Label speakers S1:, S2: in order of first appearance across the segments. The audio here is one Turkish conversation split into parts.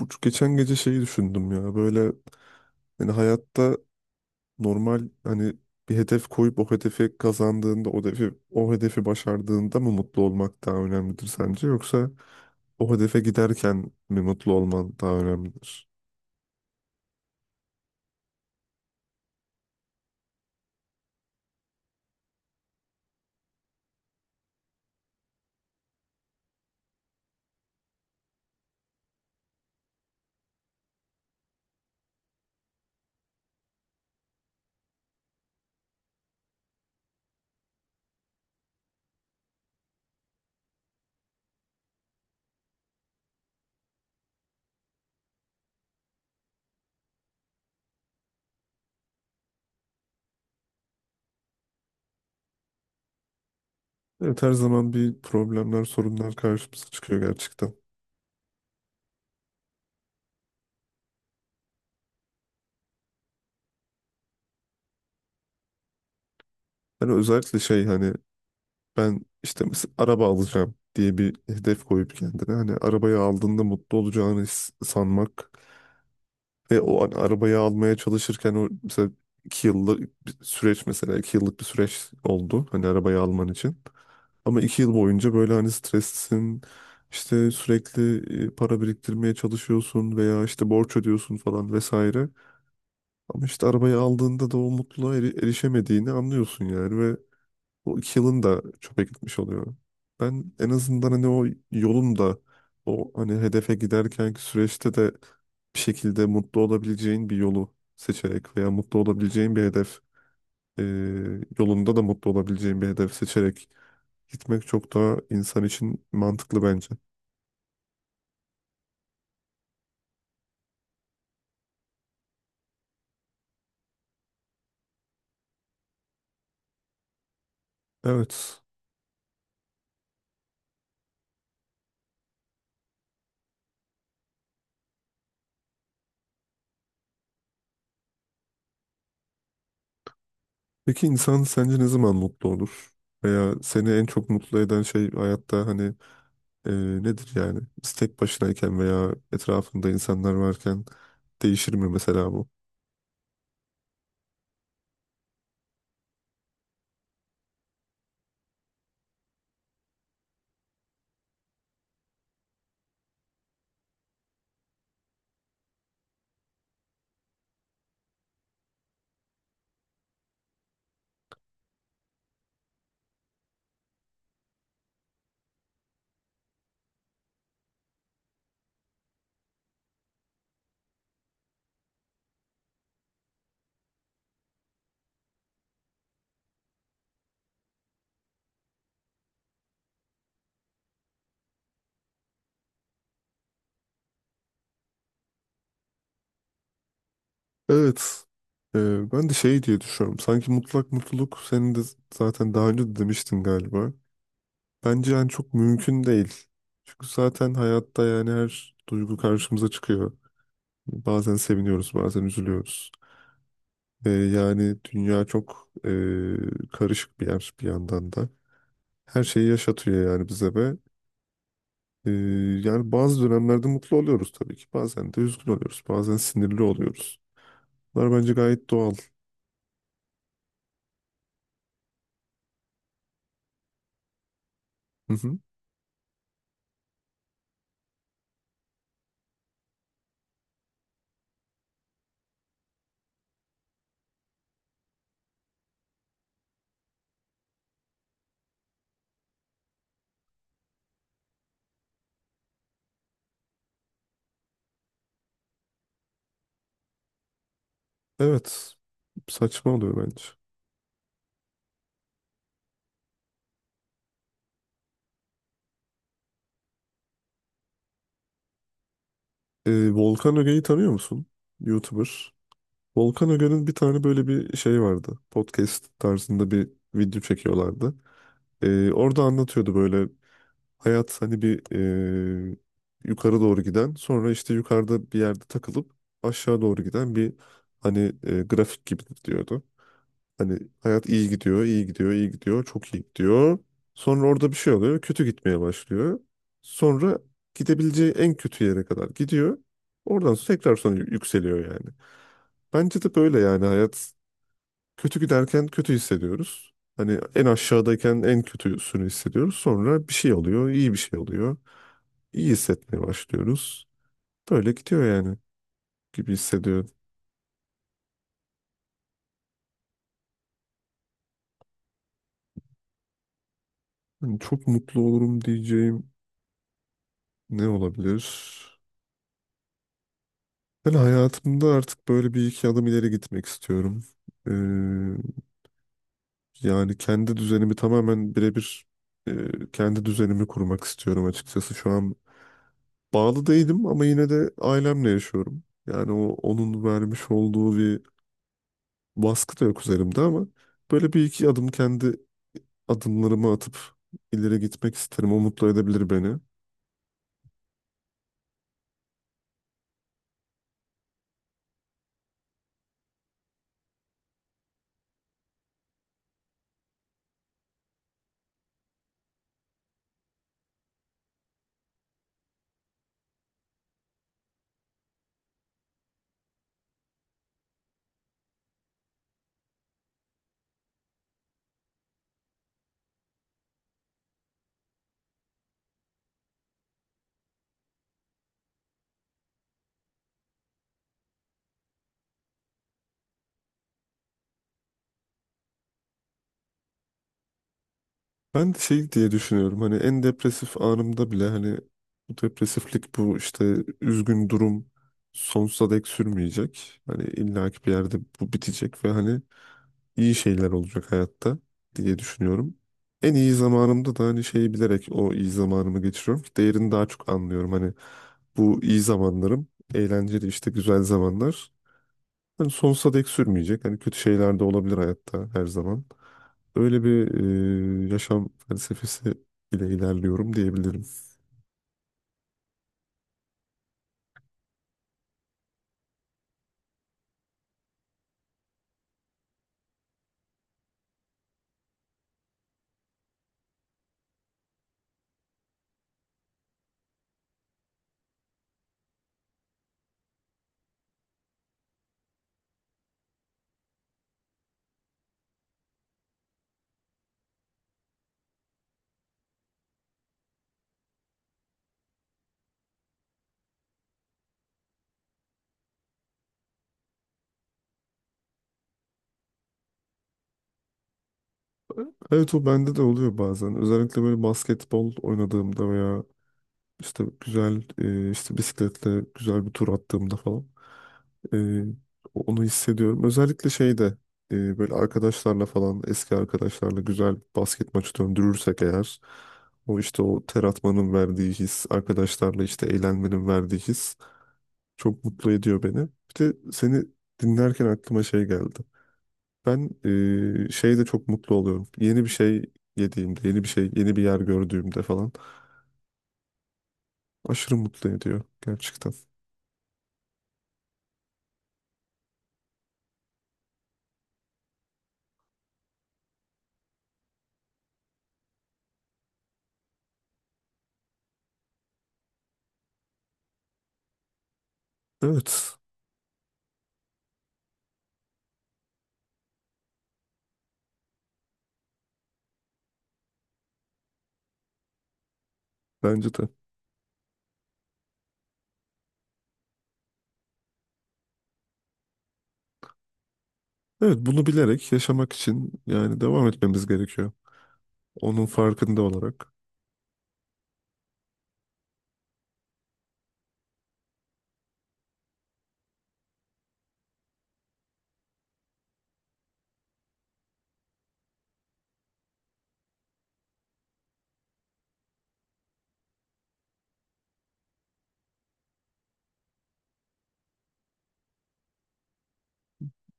S1: Bu geçen gece şeyi düşündüm ya böyle, hani, hayatta, normal, hani bir hedef koyup o hedefi kazandığında, o hedefi başardığında mı mutlu olmak daha önemlidir sence, yoksa o hedefe giderken mi mutlu olman daha önemlidir? Evet, her zaman bir problemler, sorunlar karşımıza çıkıyor gerçekten. Hani özellikle şey, hani ben, işte mesela araba alacağım diye bir hedef koyup kendine, hani arabayı aldığında mutlu olacağını sanmak. Ve o an arabayı almaya çalışırken, o mesela 2 yıllık bir süreç, mesela 2 yıllık bir süreç oldu hani arabayı alman için. Ama 2 yıl boyunca böyle hani streslisin, işte sürekli para biriktirmeye çalışıyorsun veya işte borç ödüyorsun falan vesaire. Ama işte arabayı aldığında da o mutluluğa erişemediğini anlıyorsun yani, ve o 2 yılın da çöpe gitmiş oluyor. Ben en azından hani o yolun da, o hani hedefe giderkenki süreçte de bir şekilde mutlu olabileceğin bir yolu seçerek veya mutlu olabileceğin bir hedef, e, yolunda da mutlu olabileceğin bir hedef seçerek gitmek çok daha insan için mantıklı bence. Evet. Peki insan sence ne zaman mutlu olur? Veya seni en çok mutlu eden şey hayatta, hani, Ee, nedir yani? Biz tek başınayken veya etrafında insanlar varken değişir mi mesela bu? Evet. Ben de şey diye düşünüyorum. Sanki mutlak mutluluk, senin de zaten daha önce de demiştin galiba. Bence yani çok mümkün değil. Çünkü zaten hayatta yani her duygu karşımıza çıkıyor. Bazen seviniyoruz, bazen üzülüyoruz. Yani dünya çok karışık bir yer bir yandan da. Her şeyi yaşatıyor yani bize. Ve Ee, yani bazı dönemlerde mutlu oluyoruz tabii ki. Bazen de üzgün oluyoruz. Bazen sinirli oluyoruz. Bunlar bence gayet doğal. Hı hı. Evet. Saçma oluyor bence. Volkan Öge'yi tanıyor musun? YouTuber. Volkan Öge'nin bir tane böyle bir şey vardı. Podcast tarzında bir video çekiyorlardı. Orada anlatıyordu böyle, hayat hani bir e, yukarı doğru giden, sonra işte yukarıda bir yerde takılıp aşağı doğru giden bir, hani grafik gibidir diyordu. Hani hayat iyi gidiyor, iyi gidiyor, iyi gidiyor, çok iyi gidiyor. Sonra orada bir şey oluyor, kötü gitmeye başlıyor. Sonra gidebileceği en kötü yere kadar gidiyor. Oradan sonra tekrar sonra yükseliyor yani. Bence de böyle yani, hayat kötü giderken kötü hissediyoruz. Hani en aşağıdayken en kötüsünü hissediyoruz. Sonra bir şey oluyor, iyi bir şey oluyor. İyi hissetmeye başlıyoruz. Böyle gidiyor yani, gibi hissediyorum. Hani çok mutlu olurum diyeceğim ne olabilir? Ben hayatımda artık böyle bir iki adım ileri gitmek istiyorum. Ee, Yani kendi düzenimi tamamen birebir, kendi düzenimi kurmak istiyorum açıkçası. Şu an bağlı değilim ama yine de ailemle yaşıyorum. Yani o, onun vermiş olduğu bir baskı da yok üzerimde ama böyle bir iki adım kendi adımlarımı atıp ileri gitmek isterim. O mutlu edebilir beni. Ben de şey diye düşünüyorum, hani en depresif anımda bile, hani bu depresiflik, bu işte üzgün durum sonsuza dek sürmeyecek. Hani illaki bir yerde bu bitecek ve hani iyi şeyler olacak hayatta diye düşünüyorum. En iyi zamanımda da hani şeyi bilerek o iyi zamanımı geçiriyorum ki değerini daha çok anlıyorum. Hani bu iyi zamanlarım, eğlenceli işte güzel zamanlar hani sonsuza dek sürmeyecek. Hani kötü şeyler de olabilir hayatta her zaman. Öyle bir yaşam felsefesi ile ilerliyorum diyebilirim. Evet, o bende de oluyor bazen. Özellikle böyle basketbol oynadığımda veya işte güzel, işte bisikletle güzel bir tur attığımda falan. Ee, Onu hissediyorum. Özellikle şeyde, böyle arkadaşlarla falan, eski arkadaşlarla güzel basket maçı döndürürsek eğer, o işte o ter atmanın verdiği his, arkadaşlarla işte eğlenmenin verdiği his çok mutlu ediyor beni. Bir de seni dinlerken aklıma şey geldi. Ben şeyde çok mutlu oluyorum. Yeni bir şey yediğimde, yeni bir şey, yeni bir yer gördüğümde falan, aşırı mutlu ediyor gerçekten. Evet, bence de. Evet, bunu bilerek yaşamak için yani devam etmemiz gerekiyor. Onun farkında olarak.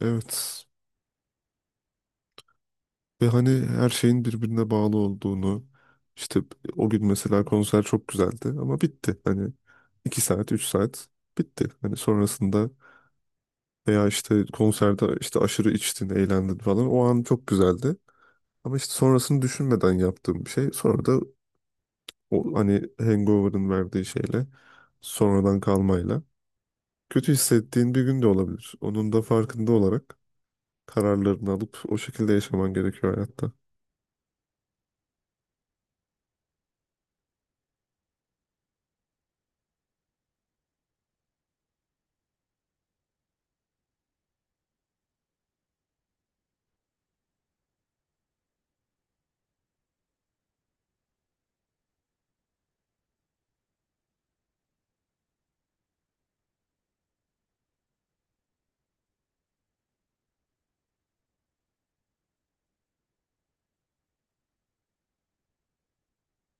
S1: Evet. Ve hani her şeyin birbirine bağlı olduğunu, işte o gün mesela konser çok güzeldi ama bitti. Hani 2 saat, 3 saat, bitti. Hani sonrasında, veya işte konserde işte aşırı içtin, eğlendin falan. O an çok güzeldi. Ama işte sonrasını düşünmeden yaptığım bir şey. Sonra da o hani hangover'ın verdiği şeyle, sonradan kalmayla. Kötü hissettiğin bir gün de olabilir. Onun da farkında olarak kararlarını alıp o şekilde yaşaman gerekiyor hayatta.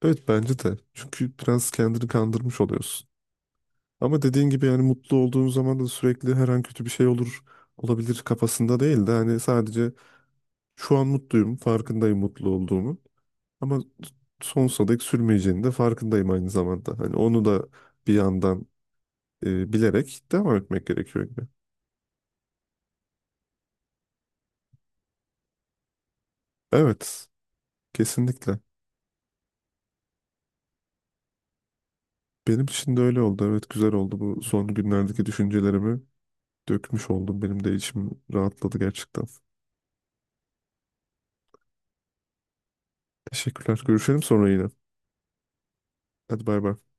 S1: Evet, bence de. Çünkü biraz kendini kandırmış oluyorsun. Ama dediğin gibi yani, mutlu olduğun zaman da sürekli her an kötü bir şey olur, olabilir kafasında değil de hani sadece şu an mutluyum, farkındayım mutlu olduğumu. Ama sonsuza dek sürmeyeceğini de farkındayım aynı zamanda. Hani onu da bir yandan bilerek devam etmek gerekiyor gibi. Evet, kesinlikle. Benim için de öyle oldu. Evet, güzel oldu. Bu son günlerdeki düşüncelerimi dökmüş oldum. Benim de içim rahatladı gerçekten. Teşekkürler. Görüşelim sonra yine. Hadi bay bay.